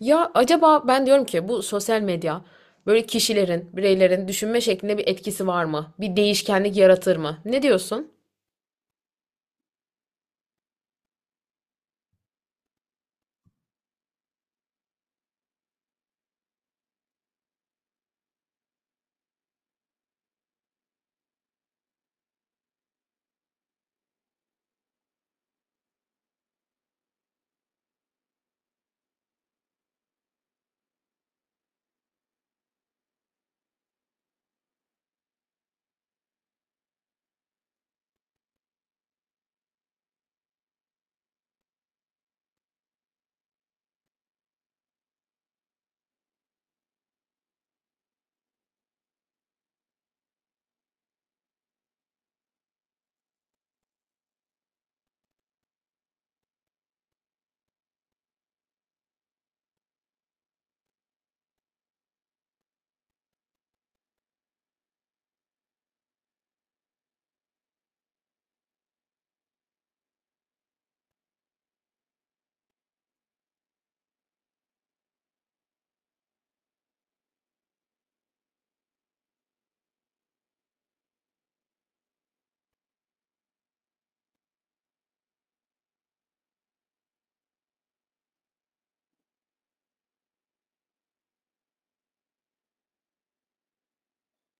Ya acaba ben diyorum ki bu sosyal medya böyle kişilerin, bireylerin düşünme şeklinde bir etkisi var mı? Bir değişkenlik yaratır mı? Ne diyorsun?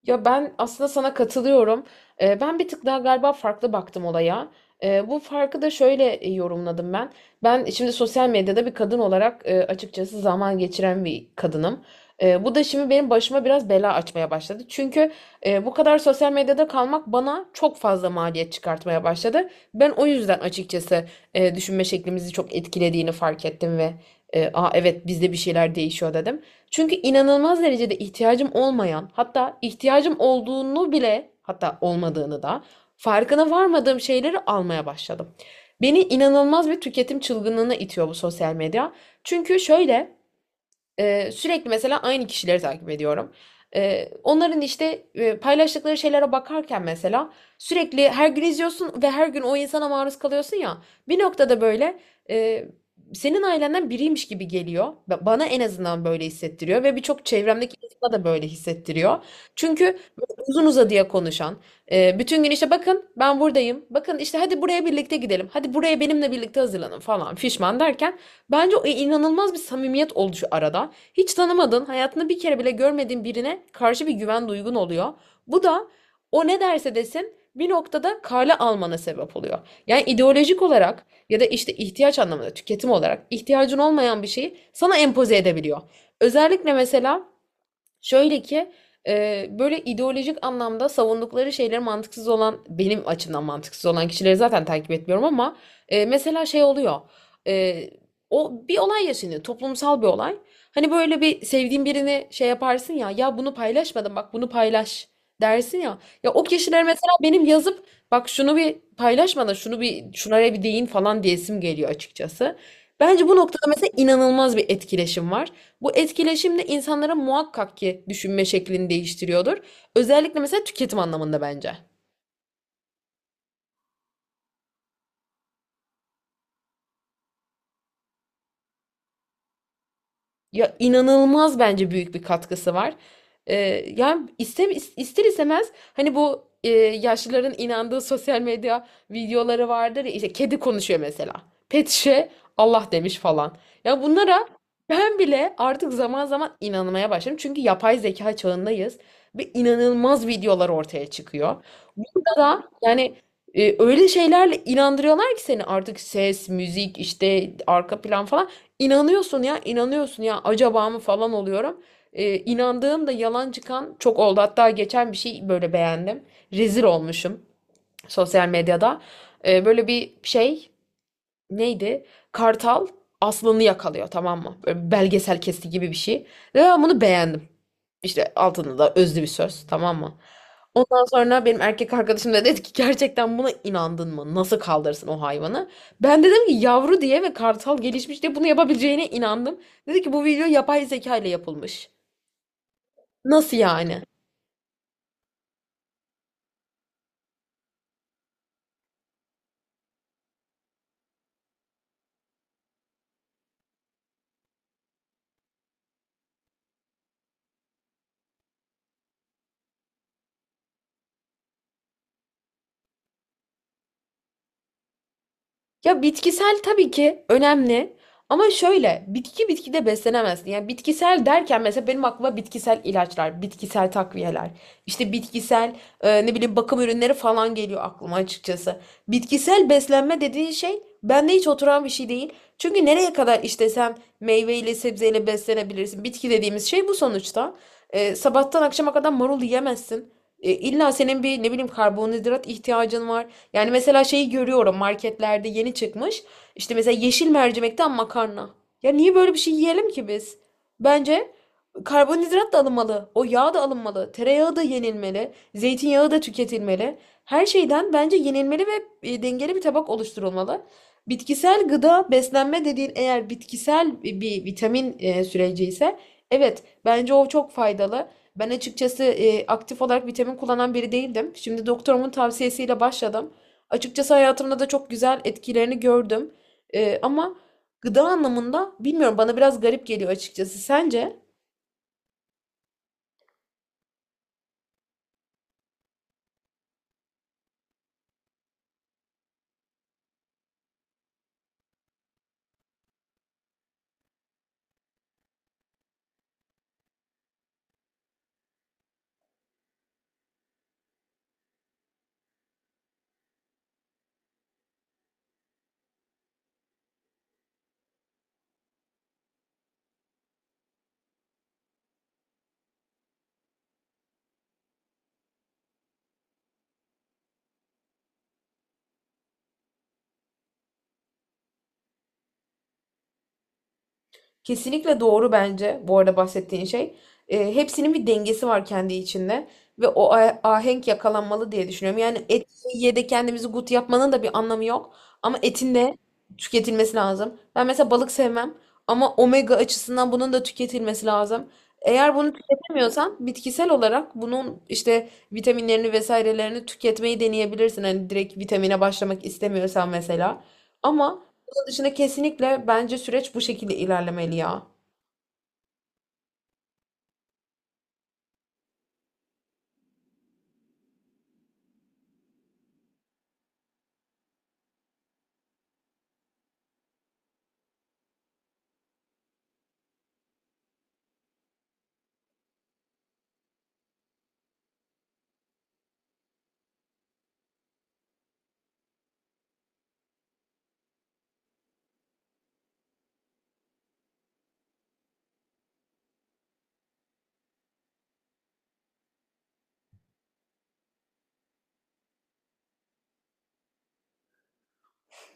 Ya ben aslında sana katılıyorum. Ben bir tık daha galiba farklı baktım olaya. Bu farkı da şöyle yorumladım ben. Ben şimdi sosyal medyada bir kadın olarak açıkçası zaman geçiren bir kadınım. Bu da şimdi benim başıma biraz bela açmaya başladı. Çünkü bu kadar sosyal medyada kalmak bana çok fazla maliyet çıkartmaya başladı. Ben o yüzden açıkçası düşünme şeklimizi çok etkilediğini fark ettim ve aa, evet bizde bir şeyler değişiyor dedim. Çünkü inanılmaz derecede ihtiyacım olmayan, hatta ihtiyacım olduğunu bile, hatta olmadığını da farkına varmadığım şeyleri almaya başladım. Beni inanılmaz bir tüketim çılgınlığına itiyor bu sosyal medya. Çünkü şöyle, sürekli mesela aynı kişileri takip ediyorum. Onların işte paylaştıkları şeylere bakarken mesela sürekli her gün izliyorsun ve her gün o insana maruz kalıyorsun ya. Bir noktada böyle e, senin ailenden biriymiş gibi geliyor. Bana en azından böyle hissettiriyor ve birçok çevremdeki insana da böyle hissettiriyor. Çünkü böyle uzun uzadıya konuşan, bütün gün işte bakın ben buradayım, bakın işte hadi buraya birlikte gidelim, hadi buraya benimle birlikte hazırlanın falan fişman derken bence o inanılmaz bir samimiyet oluşu arada. Hiç tanımadığın, hayatını bir kere bile görmediğin birine karşı bir güven duygun oluyor. Bu da o ne derse desin bir noktada kale almana sebep oluyor. Yani ideolojik olarak ya da işte ihtiyaç anlamında tüketim olarak ihtiyacın olmayan bir şeyi sana empoze edebiliyor. Özellikle mesela şöyle ki böyle ideolojik anlamda savundukları şeyleri mantıksız olan benim açımdan mantıksız olan kişileri zaten takip etmiyorum ama mesela şey oluyor. E, O bir olay yaşanıyor, toplumsal bir olay. Hani böyle bir sevdiğin birini şey yaparsın ya, ya bunu paylaşmadım bak bunu paylaş dersin ya. Ya o kişiler mesela benim yazıp bak şunu bir paylaşmadan şunu bir şunlara bir değin falan diyesim geliyor açıkçası. Bence bu noktada mesela inanılmaz bir etkileşim var. Bu etkileşim de insanların muhakkak ki düşünme şeklini değiştiriyordur. Özellikle mesela tüketim anlamında bence. Ya inanılmaz bence büyük bir katkısı var. Ee, Yani iste, ister istemez hani bu yaşlıların inandığı sosyal medya videoları vardır ya, işte kedi konuşuyor mesela. Pet şişe Allah demiş falan. Ya bunlara ben bile artık zaman zaman inanmaya başladım. Çünkü yapay zeka çağındayız ve inanılmaz videolar ortaya çıkıyor. Burada da yani öyle şeylerle inandırıyorlar ki seni artık ses, müzik, işte arka plan falan. İnanıyorsun ya, inanıyorsun ya acaba mı falan oluyorum. İnandığım da yalan çıkan çok oldu. Hatta geçen bir şey böyle beğendim. Rezil olmuşum sosyal medyada. Böyle bir şey neydi? Kartal aslanı yakalıyor, tamam mı? Böyle belgesel kesti gibi bir şey. Ve ben bunu beğendim. İşte altında da özlü bir söz, tamam mı? Ondan sonra benim erkek arkadaşım da dedi ki gerçekten buna inandın mı? Nasıl kaldırırsın o hayvanı? Ben dedim ki yavru diye ve kartal gelişmiş diye bunu yapabileceğine inandım. Dedi ki bu video yapay zeka ile yapılmış. Nasıl yani? Ya bitkisel tabii ki önemli ama şöyle bitkide beslenemezsin. Yani bitkisel derken mesela benim aklıma bitkisel ilaçlar, bitkisel takviyeler, işte bitkisel ne bileyim bakım ürünleri falan geliyor aklıma açıkçası. Bitkisel beslenme dediğin şey bende hiç oturan bir şey değil. Çünkü nereye kadar işte sen meyveyle sebzeyle beslenebilirsin. Bitki dediğimiz şey bu sonuçta. Sabahtan akşama kadar marul yiyemezsin. İlla senin bir ne bileyim karbonhidrat ihtiyacın var. Yani mesela şeyi görüyorum marketlerde yeni çıkmış. İşte mesela yeşil mercimekten makarna. Ya niye böyle bir şey yiyelim ki biz? Bence karbonhidrat da alınmalı. O yağ da alınmalı. Tereyağı da yenilmeli. Zeytinyağı da tüketilmeli. Her şeyden bence yenilmeli ve dengeli bir tabak oluşturulmalı. Bitkisel gıda beslenme dediğin eğer bitkisel bir vitamin süreci ise evet bence o çok faydalı. Ben açıkçası aktif olarak vitamin kullanan biri değildim. Şimdi doktorumun tavsiyesiyle başladım. Açıkçası hayatımda da çok güzel etkilerini gördüm. Ama gıda anlamında bilmiyorum, bana biraz garip geliyor açıkçası. Sence? Kesinlikle doğru bence bu arada bahsettiğin şey. Hepsinin bir dengesi var kendi içinde ve o ahenk yakalanmalı diye düşünüyorum. Yani et ye de kendimizi gut yapmanın da bir anlamı yok ama etin de tüketilmesi lazım. Ben mesela balık sevmem ama omega açısından bunun da tüketilmesi lazım. Eğer bunu tüketemiyorsan bitkisel olarak bunun işte vitaminlerini vesairelerini tüketmeyi deneyebilirsin. Hani direkt vitamine başlamak istemiyorsan mesela. Ama dışında kesinlikle bence süreç bu şekilde ilerlemeli ya.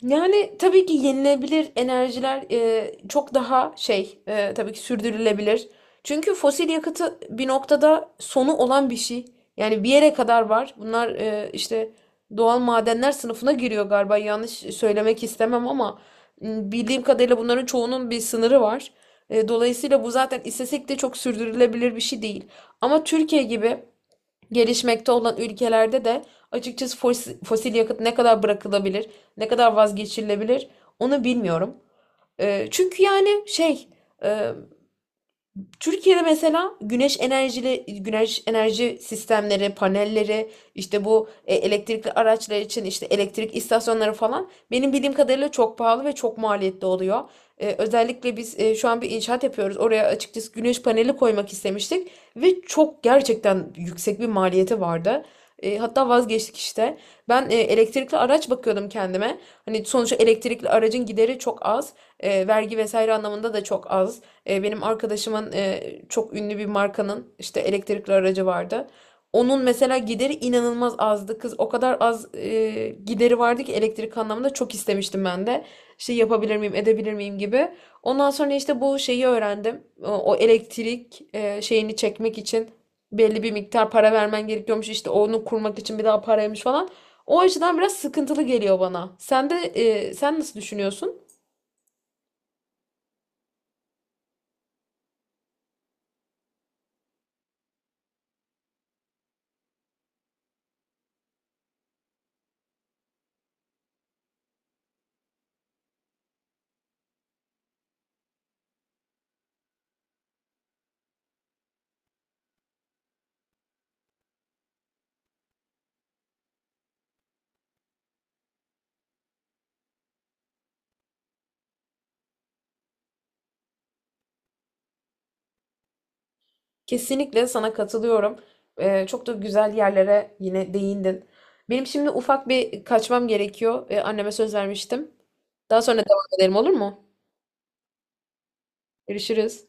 Yani tabii ki yenilebilir enerjiler çok daha şey tabii ki sürdürülebilir. Çünkü fosil yakıtı bir noktada sonu olan bir şey. Yani bir yere kadar var. Bunlar işte doğal madenler sınıfına giriyor galiba. Yanlış söylemek istemem ama bildiğim kadarıyla bunların çoğunun bir sınırı var. Dolayısıyla bu zaten istesek de çok sürdürülebilir bir şey değil. Ama Türkiye gibi gelişmekte olan ülkelerde de açıkçası fosil yakıt ne kadar bırakılabilir, ne kadar vazgeçilebilir onu bilmiyorum. Çünkü yani şey, e, Türkiye'de mesela güneş enerji sistemleri, panelleri, işte bu elektrikli araçlar için işte elektrik istasyonları falan benim bildiğim kadarıyla çok pahalı ve çok maliyetli oluyor. Özellikle biz şu an bir inşaat yapıyoruz. Oraya açıkçası güneş paneli koymak istemiştik ve çok gerçekten yüksek bir maliyeti vardı. Hatta vazgeçtik işte. Ben elektrikli araç bakıyordum kendime. Hani sonuçta elektrikli aracın gideri çok az, vergi vesaire anlamında da çok az. Benim arkadaşımın çok ünlü bir markanın işte elektrikli aracı vardı. Onun mesela gideri inanılmaz azdı. Kız o kadar az gideri vardı ki elektrik anlamında çok istemiştim ben de. İşte yapabilir miyim, edebilir miyim gibi. Ondan sonra işte bu şeyi öğrendim. O elektrik şeyini çekmek için belli bir miktar para vermen gerekiyormuş. İşte onu kurmak için bir daha paraymış falan. O açıdan biraz sıkıntılı geliyor bana. Sen de sen nasıl düşünüyorsun? Kesinlikle sana katılıyorum. Çok da güzel yerlere yine değindin. Benim şimdi ufak bir kaçmam gerekiyor. Anneme söz vermiştim. Daha sonra devam edelim, olur mu? Görüşürüz.